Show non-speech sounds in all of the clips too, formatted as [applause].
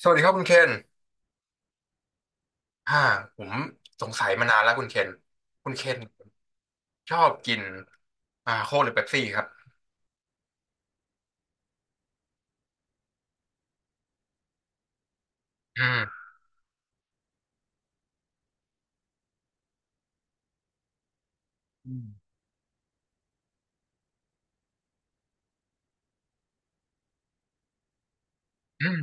สวัสดีครับคุณเคนอ่าผมสงสัยมานานแล้วคุณเคนคุณเคนชอบกินโค้กหรือเป๊ปซี่ครับอืมอืม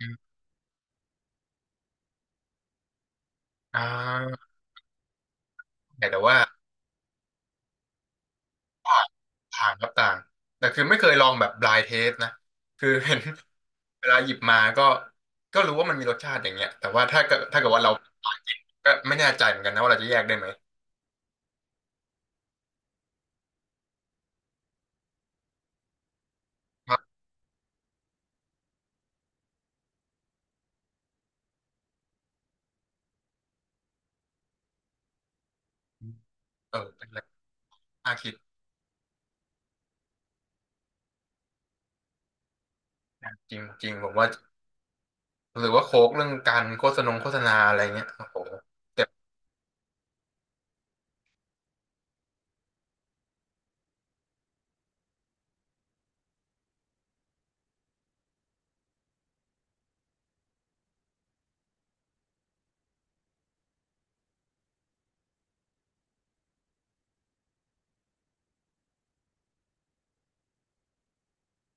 อืมอ่าแต่ว่าต่างต่างครับต่างแต่คือไม่เคยลองแบบ blind taste นะคือเห็น [laughs] เวลาหยิบมาก็ก็รู้ว่ามันมีรสชาติอย่างเงี้ยแต่ว่าถ้าเกิดว่าเราหากินก็ไม่แน่ใจเหมือนกันนะว่าเราจะแยกได้ไหมครับเออเป็นอะไรน่าคิดนะจริงจริงผมว่าหรือว่าโค้กเรื่องการโฆษณาอะไรเงี้ยโอ้โหเจ็บ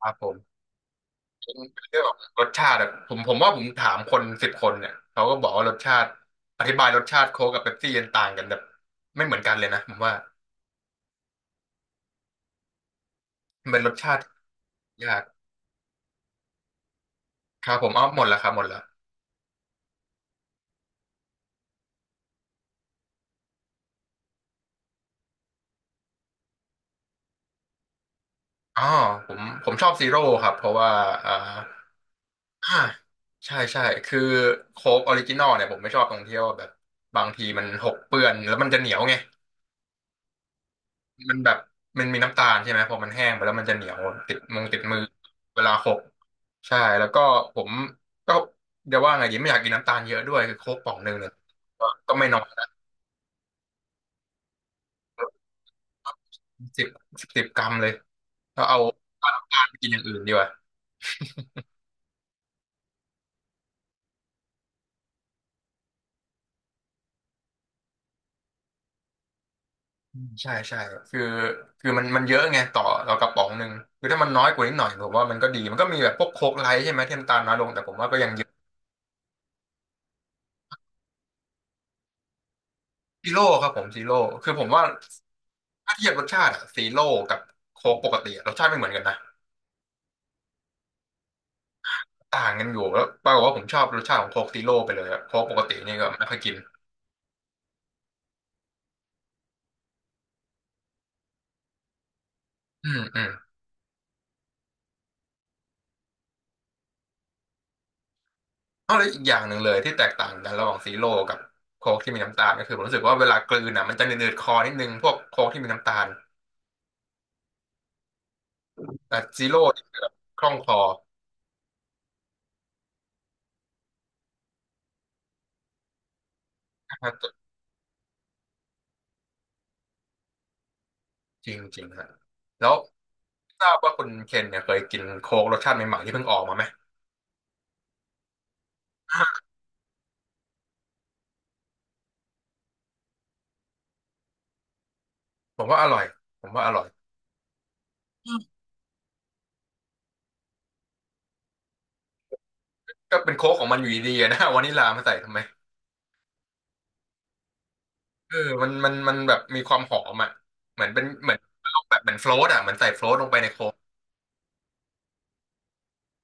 ครับผม เรื่องรสชาติอะผมว่าผมถามคนสิบคนเนี่ยเขาก็บอกว่ารสชาติอธิบายรสชาติโค้กกับเป๊ปซี่ยันต่างกันแบบไม่เหมือนกันเลยนะผมว่ามันเป็นรสชาติยากครับผมเอาหมดแล้วครับหมดแล้วอ๋อผมชอบซีโร่ครับเพราะว่าอ่าอ่าใช่ใช่คือโค้กออริจินอลเนี่ยผมไม่ชอบตรงที่ว่าแบบบางทีมันหกเปื้อนแล้วมันจะเหนียวไง มันแบบมันมีน้ำตาลใช่ไหมพอมันแห้งไปแล้วมันจะเหนียวติดมือติดมือเวลาหกใช่แล้วก็ผมก็เดี๋ยวว่าไงดีไม่อยากกินน้ำตาลเยอะด้วยคือโค้กป่องหนึ่งเนี่ยก็ไม่น้อยนะสิบ10 กรัมเลยแล้วเอาน้ำตาลไปกินอย่างอื่นดีกว่าใช่ใช่คือคือมันเยอะไงต่อเรากระป๋องหนึ่งคือถ้ามันน้อยกว่านิดหน่อยผมว่ามันก็ดีมันก็มีแบบพวกโค้กไลท์ใช่ไหมที่น้ำตาลน้อยลงแต่ผมว่าก็ยังเยอะซีโร่ครับผมซีโร่คือผมว่าถ้าเทียบรสชาติอะซีโร่กับโค้กปกติอะรสชาติไม่เหมือนกันนะ ต่างกันอยู่แล้วปรากฏว่าผมชอบรสชาติของโค้กซีโร่ไปเลยอะโค้กปกตินี่ก็ไม่ค่อยกินอืมอืมเอาแล้วอีกอย่างหนึ่งเลยที่แตกต่างกันระหว่างซีโร่กับโค้กที่มีน้ำตาลก็คือผมรู้สึกว่าเวลากลืนอ่ะมันจะเนืดๆคอนิดนึงพวกโค้กที่มีน้ำตาลแต่ซีโร่นี่คือแบบคล่องคอจริงจริงฮะแล้วทราบว่าคุณเคนเนี่ยเคยกินโค้กรสชาติใหม่ๆที่เพิ่งออกมาไหมผมว่าอร่อยผมว่าอร่อยก็เป็นโค้กของมันอยู่ดีๆนะ [laughs] วานิลามาใส่ทำไม เออมันแบบมีความหอมอ่ะเหมือนเป็นเหมือนแบบเหมือนโฟลตอ่ะเหมือนใส่โฟลตลงไปในโค้ก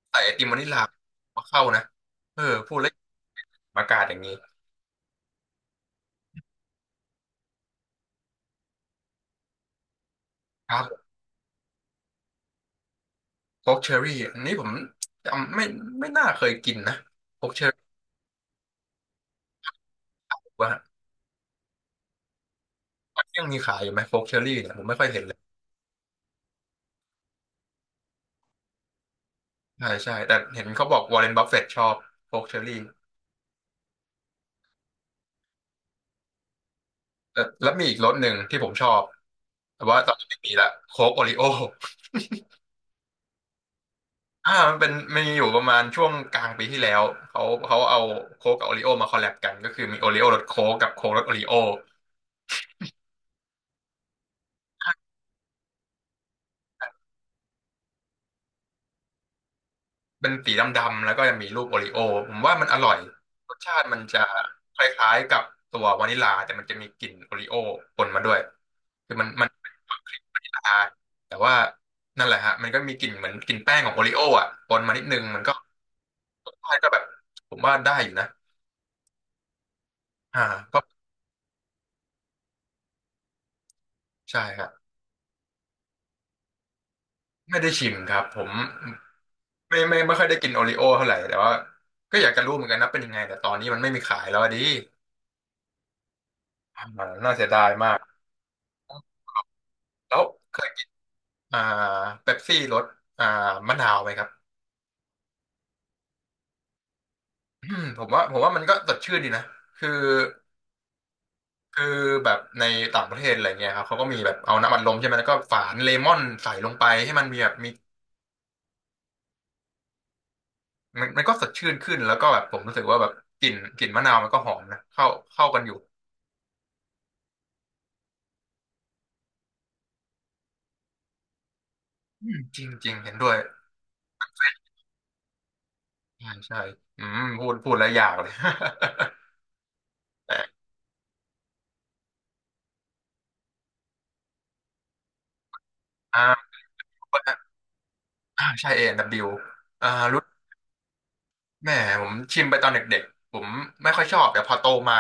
ใส่ไอติมวานิลลามาเข้านะเออพูดแล้วอากาศอย่างนี้ครับโค้กเชอร์รี่อันนี้ผมจำไม่ไม่น่าเคยกินนะโค้กเชอร์รี่ว่ายังมีขายอยู่ไหมโค้กเชอร์รี่เนี่ยผมไม่ค่อยเห็นเลยใช่ใช่แต่เห็นเขาบอกวอร์เรนบัฟเฟตชอบโค้กเชอร์รี่เออแล้วมีอีกรสหนึ่งที่ผมชอบแต่ว่าตอนนี้ไม่มีละโค้กโอริโอ มันเป็นมีอยู่ประมาณช่วงกลางปีที่แล้วเขาเอาโค้กกับโอริโอมาคอลแลบกันก็คือมีโอริโอรสโค้กกับโค้กรสโอริโอเป็นสีดำๆแล้วก็ยังมีรูปโอริโอผมว่ามันอร่อยรสชาติมันจะคล้ายๆกับตัววานิลลาแต่มันจะมีกลิ่นโอริโอปนมาด้วยคือมันเป็นความคลิกวานิลลาแต่ว่านั่นแหละฮะมันก็มีกลิ่นเหมือนกลิ่นแป้งของโอริโออ่ะปนมานิดนึงมันก็รสชาติก็แบบผมว่าได้อยู่นะอ่าก็ใช่ครับไม่ได้ชิมครับผม ไม่ค่อยได้กินโอริโอเท่าไหร่แต่ว่าก็อยากจะรู้เหมือนกันนะเป็นยังไงแต่ตอนนี้มันไม่มีขายแล้วอะดิอ่าน่าเสียดายมากแล้วเคยกินอ่าเป๊ปซี่รสอ่ามะนาวไหมครับอืมผมว่ามันก็สดชื่นดีนะคือคือแบบในต่างประเทศอะไรเงี้ยครับเขาก็มีแบบเอาน้ำอัดลมใช่ไหมแล้วก็ฝานเลมอนใส่ลงไปให้มันมีแบบมีมันมันก็สดชื่นขึ้นแล้วก็แบบผมรู้สึกว่าแบบกลิ่นมะนาวมันก็หอมนะเข้าเข้ากันอยู่อืมจริงจริงเห็นด้วย ใช่ใช่อืมพูดแล้วอยากเลย [laughs] อ่าใช่เองดับบิวอ่ารู้แหมผมชิมไปตอนเด็กๆผมไม่ค่อยชอบแต่พอโตมา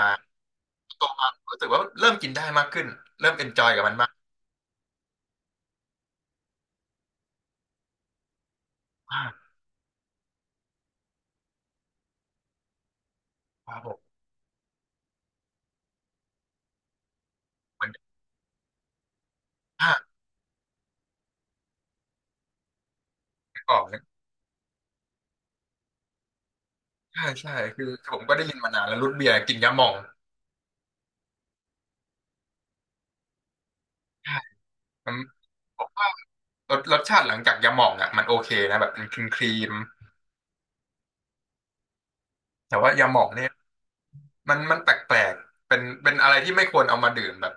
โตมารู้สึกว่าเริ่มกินได้มากขึ้นเริ่มเอนจอยกับมันมากอ่าครับผมเหมือนอ่าไม่อกเนี่ยใช่ใช่คือผมก็ได้ยินมานานแล้วรูทเบียร์กินยาหม่องใช่ผมัรสชาติหลังจากยาหม่องอ่ะมันโอเคนะแบบมันครีมครีมแต่ว่ายาหม่องเนี่ยมันแปลกๆเป็นอะไรที่ไม่ควรเอามาดื่มแบบ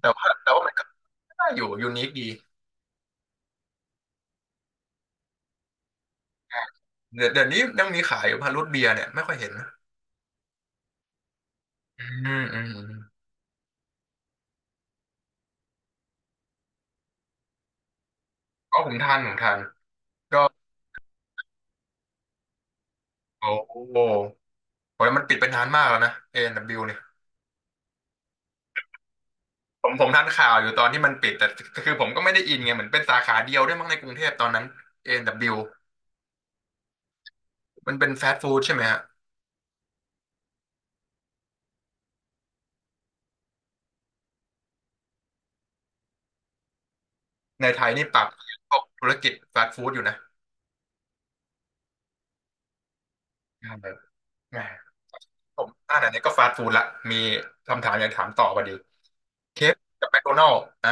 แต่ว่ามันก็ ก็อยู่ยูนิคดีเดี๋ยวเดี๋ยวนี้ยังมีขายอยู่พารุทเบียร์เนี่ยไม่ค่อยเห็นนะอืมอืมอืมก็ผมทานก็โอ้โหโอ้ยมันปิดไปนานมากแล้วนะ A&W เบิลยูเนี่ยผมทันข่าวอยู่ตอนที่มันปิดแต่คือผมก็ไม่ได้อินไงเหมือนเป็นสาขาเดียวด้วยมั้งในกรุงเทพตอนนั้น A&W มันเป็นฟาสต์ฟู้ดใช่ไหมฮะในไทยนี่ปรับพวกธุรกิจฟาสต์ฟู้ดอยู่นะใช่ครับแหมผมอ่านอันนี้ก็ฟาสต์ฟู้ดละมีคำถามอยากถามต่อพอดีเคฟกับแมคโดนัลด์อ่า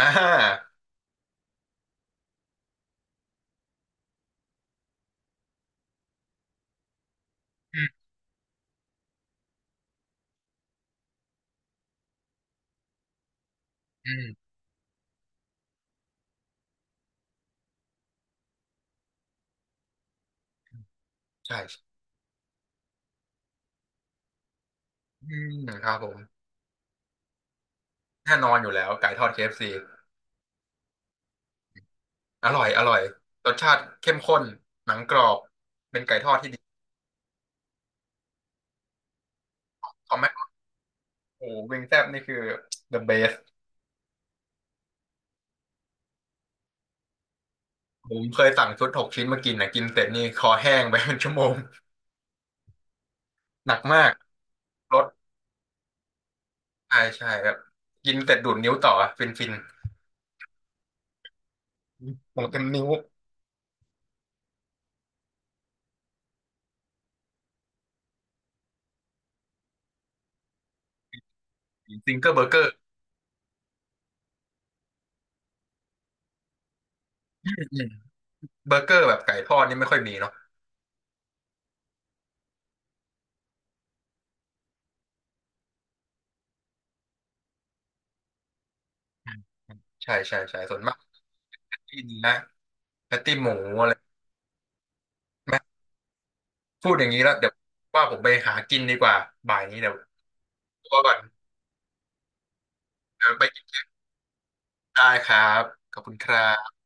อืมอืมใช่ อืมครับผมแน่นอนอยู่แล้วไก่ทอด KFC อฟซีอร่อยอร่อยรสชาติเข้มข้นหนังกรอบเป็นไก่ทอดที่ดีคอมแม็กโอ้วิงแซ่บนี่คือ the best ผมเคยสั่งชุด 6 ชิ้นมากินนะกินเสร็จนี่คอแห้งไปเป็นชั่วโมงหนักมากรสใช่ใช่ครับกินเสร็จดูดนิ้วต่อฟินฟินหมดเต็มนิ้วซิงเกิลเบอร์เกอร์เบอร์เกอร์แบบไก่ทอดนี่ไม่ค่อยมีเนาะอืมใช่ใช่ใช่ส่วนมากที่เนื้อแพตตี้หมูอะไร พูดอย่างนี้แล้วเดี๋ยวว่าผมไปหากินดีกว่าบ่ายนี้เดี๋ยวตัวก่อนเดี๋ยวไปกินได้ครับขอบคุณครับ